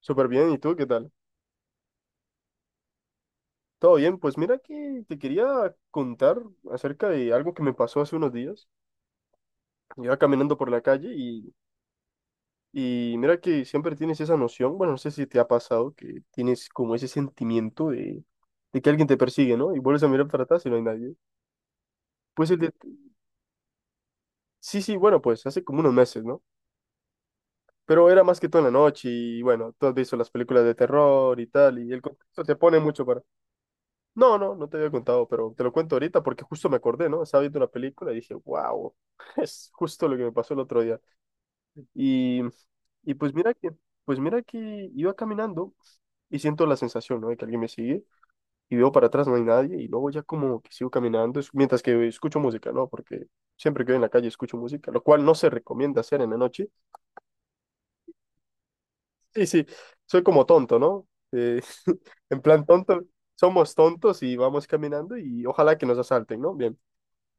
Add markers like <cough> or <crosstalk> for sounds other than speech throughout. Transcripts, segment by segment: Súper bien, ¿y tú qué tal? Todo bien, pues mira que te quería contar acerca de algo que me pasó hace unos días. Iba caminando por la calle y mira que siempre tienes esa noción, bueno, no sé si te ha pasado, que tienes como ese sentimiento de que alguien te persigue, ¿no? Y vuelves a mirar para atrás y no hay nadie. Pues sí, sí, bueno, pues hace como unos meses, ¿no? Pero era más que todo en la noche y bueno, tú has visto las películas de terror y tal, y el contexto te pone mucho para… No, no, no te había contado, pero te lo cuento ahorita porque justo me acordé, ¿no? Estaba viendo una película y dije, wow, <laughs> es justo lo que me pasó el otro día. Y, y pues mira que iba caminando y siento la sensación, ¿no? De que alguien me sigue y veo para atrás no hay nadie y luego ya como que sigo caminando mientras que escucho música, ¿no? Porque siempre que voy en la calle escucho música, lo cual no se recomienda hacer en la noche. Sí, sí, soy como tonto, ¿no? Eh, <laughs> en plan tonto, somos tontos y vamos caminando y ojalá que nos asalten, ¿no? Bien.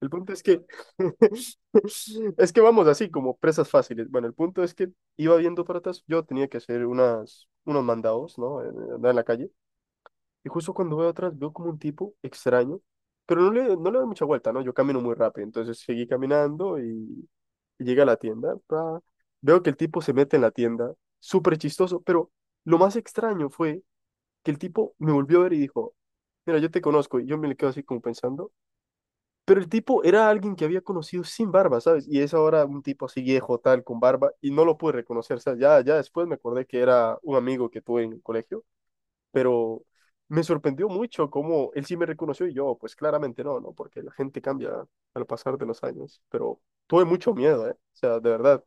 El punto es que, <laughs> es que vamos así, como presas fáciles. Bueno, el punto es que iba viendo para atrás, yo tenía que hacer unos mandados, ¿no? Andar en la calle. Y justo cuando veo atrás, veo como un tipo extraño, pero no le doy mucha vuelta, ¿no? Yo camino muy rápido, entonces seguí caminando y llegué a la tienda. Pa. Veo que el tipo se mete en la tienda, súper chistoso, pero lo más extraño fue que el tipo me volvió a ver y dijo, mira, yo te conozco. Y yo me le quedo así como pensando. Pero el tipo era alguien que había conocido sin barba, ¿sabes? Y es ahora un tipo así viejo, tal, con barba, y no lo pude reconocer, ¿sabes? Ya, ya después me acordé que era un amigo que tuve en el colegio, pero me sorprendió mucho cómo él sí me reconoció y yo, pues claramente no, ¿no? Porque la gente cambia al pasar de los años, pero tuve mucho miedo, ¿eh? O sea, de verdad,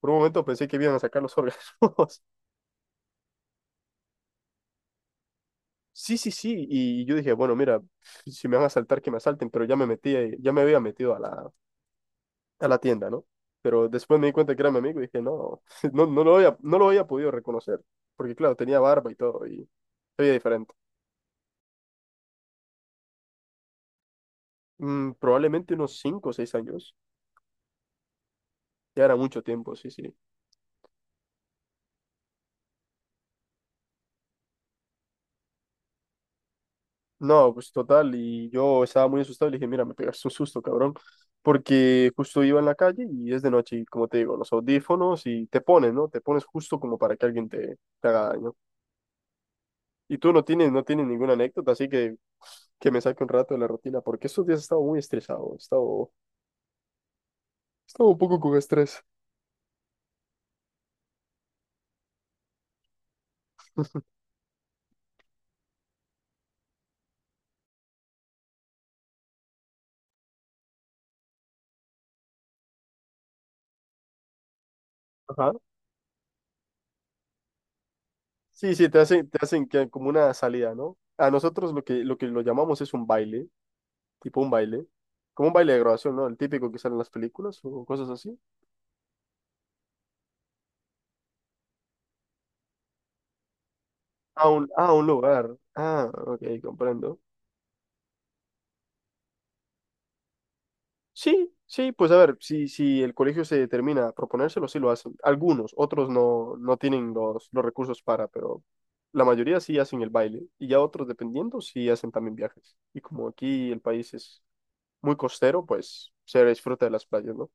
por un momento pensé que iban a sacar los órganos. <laughs> Sí, sí, sí, y yo dije, bueno, mira, si me van a asaltar, que me asalten, pero ya me metí, ya me había metido a la tienda, ¿no? Pero después me di cuenta que era mi amigo y dije, no, <laughs> no, no lo había podido reconocer, porque claro, tenía barba y todo y se veía diferente. Probablemente unos 5 o 6 años, ya era mucho tiempo, sí, sí. No, pues total, y yo estaba muy asustado y le dije, mira, me pegaste un susto, cabrón, porque justo iba en la calle y es de noche y como te digo, los audífonos y te pones, ¿no? Te pones justo como para que alguien te, te haga daño. Y tú no tienes, no tienes ninguna anécdota, así que me saque un rato de la rutina, porque estos días he estado muy estresado, he estado estaba un poco con estrés. Ajá. Sí, sí, te hacen que como una salida, ¿no? A nosotros lo que lo llamamos es un baile, tipo un baile, como un baile de grabación, ¿no? El típico que sale en las películas o cosas así. A un lugar. Ah, ok, comprendo. Sí, sí, pues a ver, si, si el colegio se determina a proponérselo, sí lo hacen. Algunos, otros no, no tienen los recursos para, pero la mayoría sí hacen el baile. Y ya otros, dependiendo, sí hacen también viajes. Y como aquí el país es muy costero, pues se disfruta de las playas, ¿no?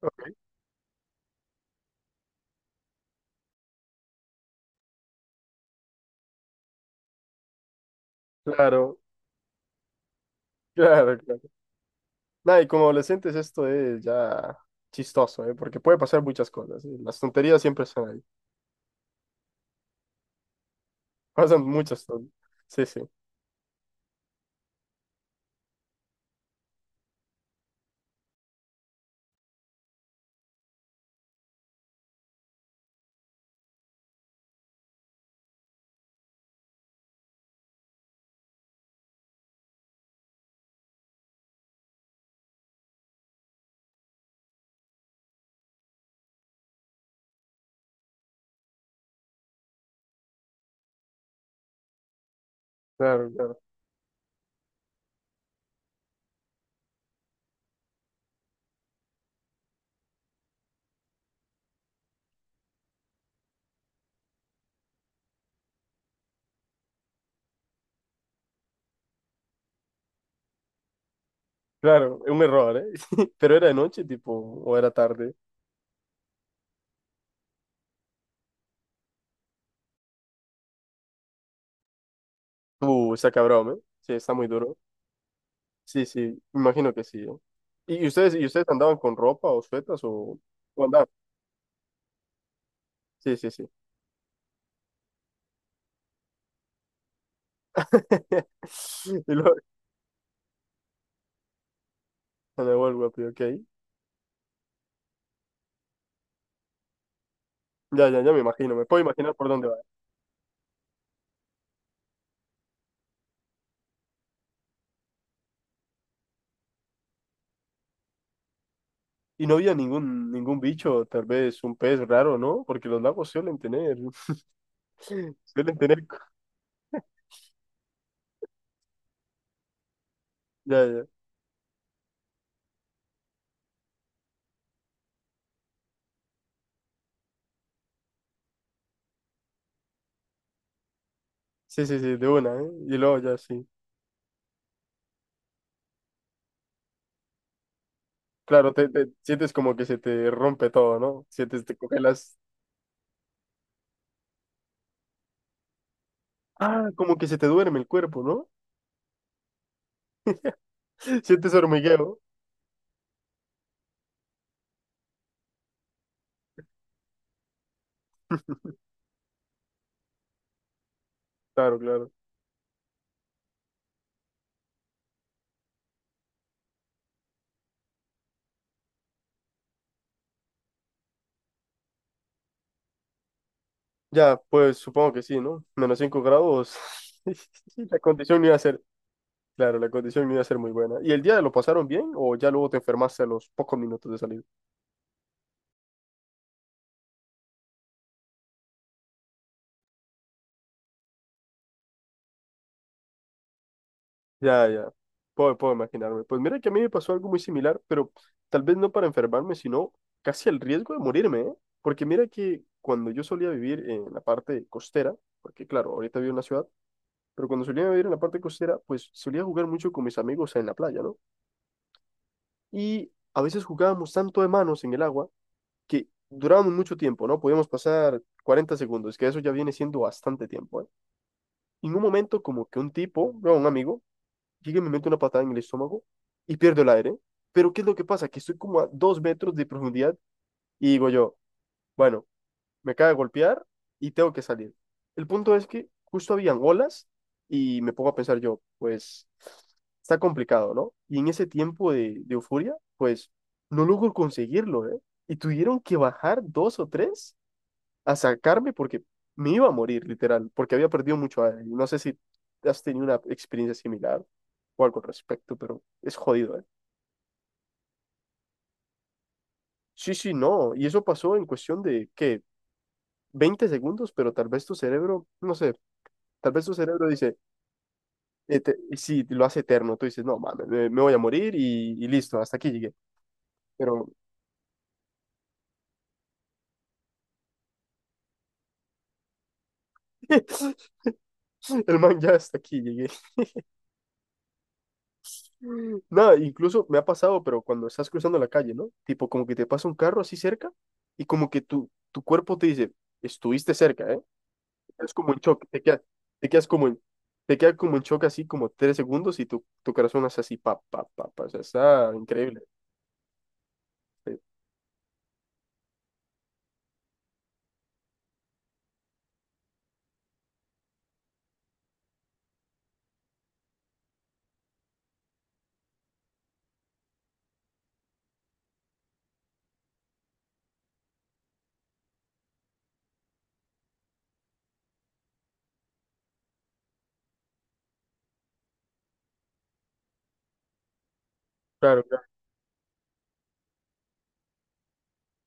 Ok. Claro, <laughs> claro, claro. Nada, y como adolescentes esto es ya chistoso, ¿eh? Porque puede pasar muchas cosas, ¿eh? Las tonterías siempre están ahí. <laughs> Pasan muchas tonterías. Sí, sí. Claro, claro. Claro, un error, ¿eh? <laughs> Pero era de noche, tipo, o era tarde. Está cabrón, ¿eh? Sí, está muy duro. Sí, sí, imagino que sí, ¿eh? ¿Y ustedes andaban con ropa o suetas o andaban? Sí, sí, sí. <laughs> Y luego, me vuelvo, ok. Ya, ya, ya me imagino, me puedo imaginar por dónde va. Y no había ningún, ningún bicho, tal vez un pez raro, ¿no? Porque los lagos suelen tener, <laughs> suelen tener, co- ya, ya. Sí, sí, sí, de una, ¿eh? Y luego ya sí. Claro, te sientes como que se te rompe todo, ¿no? Sientes, te congelas. Ah, como que se te duerme el cuerpo, ¿no? <laughs> Sientes hormigueo. Claro, claro. Ya, pues supongo que sí, ¿no? Menos 5 grados. <laughs> La condición no iba a ser, claro, la condición no iba a ser muy buena. ¿Y el día lo pasaron bien o ya luego te enfermaste a los pocos minutos de salir? Ya, ya. Puedo imaginarme. Pues mira que a mí me pasó algo muy similar, pero tal vez no para enfermarme, sino casi al riesgo de morirme, ¿eh? Porque mira que cuando yo solía vivir en la parte costera, porque claro, ahorita vivo en la ciudad, pero cuando solía vivir en la parte costera, pues solía jugar mucho con mis amigos en la playa, ¿no? Y a veces jugábamos tanto de manos en el agua que durábamos mucho tiempo, ¿no? Podíamos pasar 40 segundos, que eso ya viene siendo bastante tiempo, ¿eh? Y en un momento como que un tipo, bueno, un amigo, llego y me meto una patada en el estómago y pierdo el aire. Pero ¿qué es lo que pasa? Que estoy como a 2 metros de profundidad y digo yo, bueno, me acaba de golpear y tengo que salir. El punto es que justo habían olas y me pongo a pensar yo, pues está complicado, ¿no? Y en ese tiempo de euforia, pues no logro conseguirlo, ¿eh? Y tuvieron que bajar dos o tres a sacarme porque me iba a morir, literal, porque había perdido mucho aire. No sé si has tenido una experiencia similar o algo al respecto, pero es jodido, ¿eh? Sí, sí, no. Y eso pasó en cuestión de, ¿qué? 20 segundos, pero tal vez tu cerebro, no sé, tal vez tu cerebro dice, te- y si lo hace eterno, tú dices, no, mames, me voy a morir y listo, hasta aquí llegué. Pero <laughs> el man ya hasta aquí llegué. Nada, incluso me ha pasado, pero cuando estás cruzando la calle, ¿no? Tipo, como que te pasa un carro así cerca y como que tu cuerpo te dice, estuviste cerca, ¿eh? Es como en shock, te quedas como en, te quedas como en shock así como 3 segundos y tu corazón hace así, pa, pa, pa, pa, o sea, está increíble. Sí, claro, claro.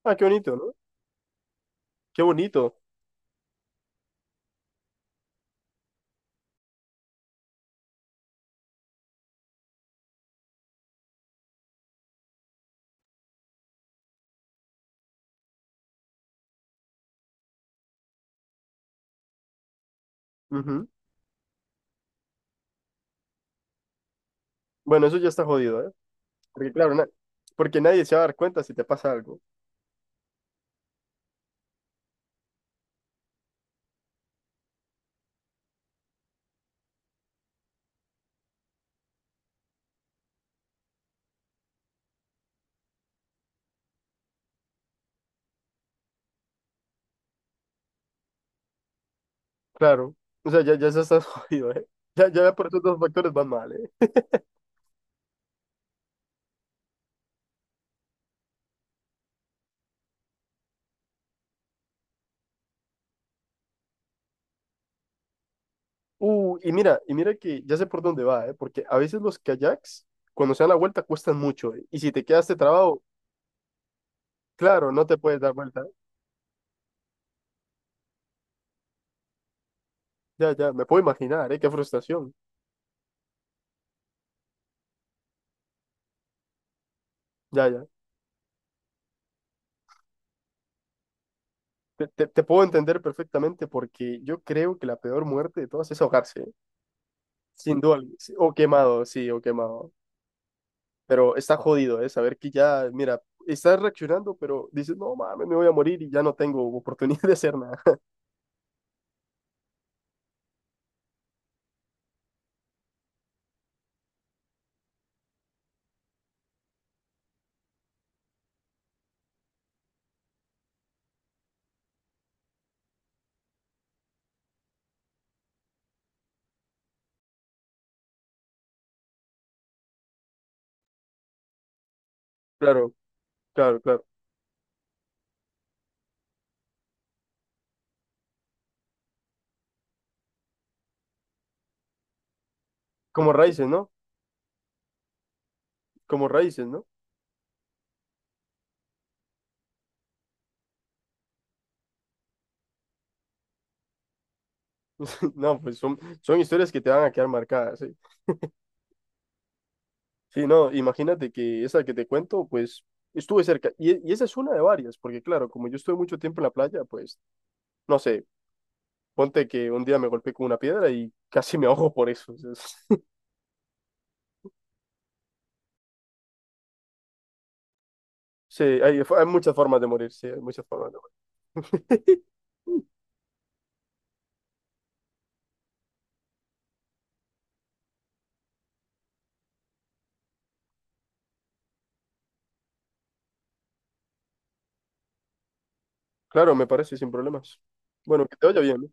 Ah, qué bonito, ¿no? Qué bonito. Ujú. Bueno, eso ya está jodido, ¿eh? Porque claro, porque nadie se va a dar cuenta si te pasa algo. Claro. O sea, ya, ya estás <laughs> jodido, ¿eh? Ya, ya por esos dos factores van mal, ¿eh? Y mira que ya sé por dónde va, ¿eh? Porque a veces los kayaks, cuando se dan la vuelta, cuestan mucho, ¿eh? Y si te quedaste trabado, claro, no te puedes dar vuelta. Ya, ya, me puedo imaginar, ¿eh? Qué frustración. Ya, ya. Te puedo entender perfectamente porque yo creo que la peor muerte de todas es ahogarse, ¿eh? Sin duda alguna. Sí, o quemado, sí, o quemado. Pero está jodido, ¿eh? Saber que ya, mira, estás reaccionando, pero dices, no mames, me voy a morir y ya no tengo oportunidad <laughs> de hacer nada. <laughs> Claro, claro, claro. Como raíces, ¿no? Como raíces, ¿no? <laughs> No, pues son historias que te van a quedar marcadas, sí. Sí, no, imagínate que esa que te cuento, pues estuve cerca. Y esa es una de varias, porque claro, como yo estuve mucho tiempo en la playa, pues no sé, ponte que un día me golpeé con una piedra y <laughs> casi me ahogo por eso. O sea, <laughs> es- sí, hay muchas formas de morir, sí, hay muchas formas de morir. <laughs> Claro, me parece sin problemas. Bueno, que te vaya bien. ¿No?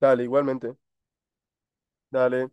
Dale, igualmente. Dale.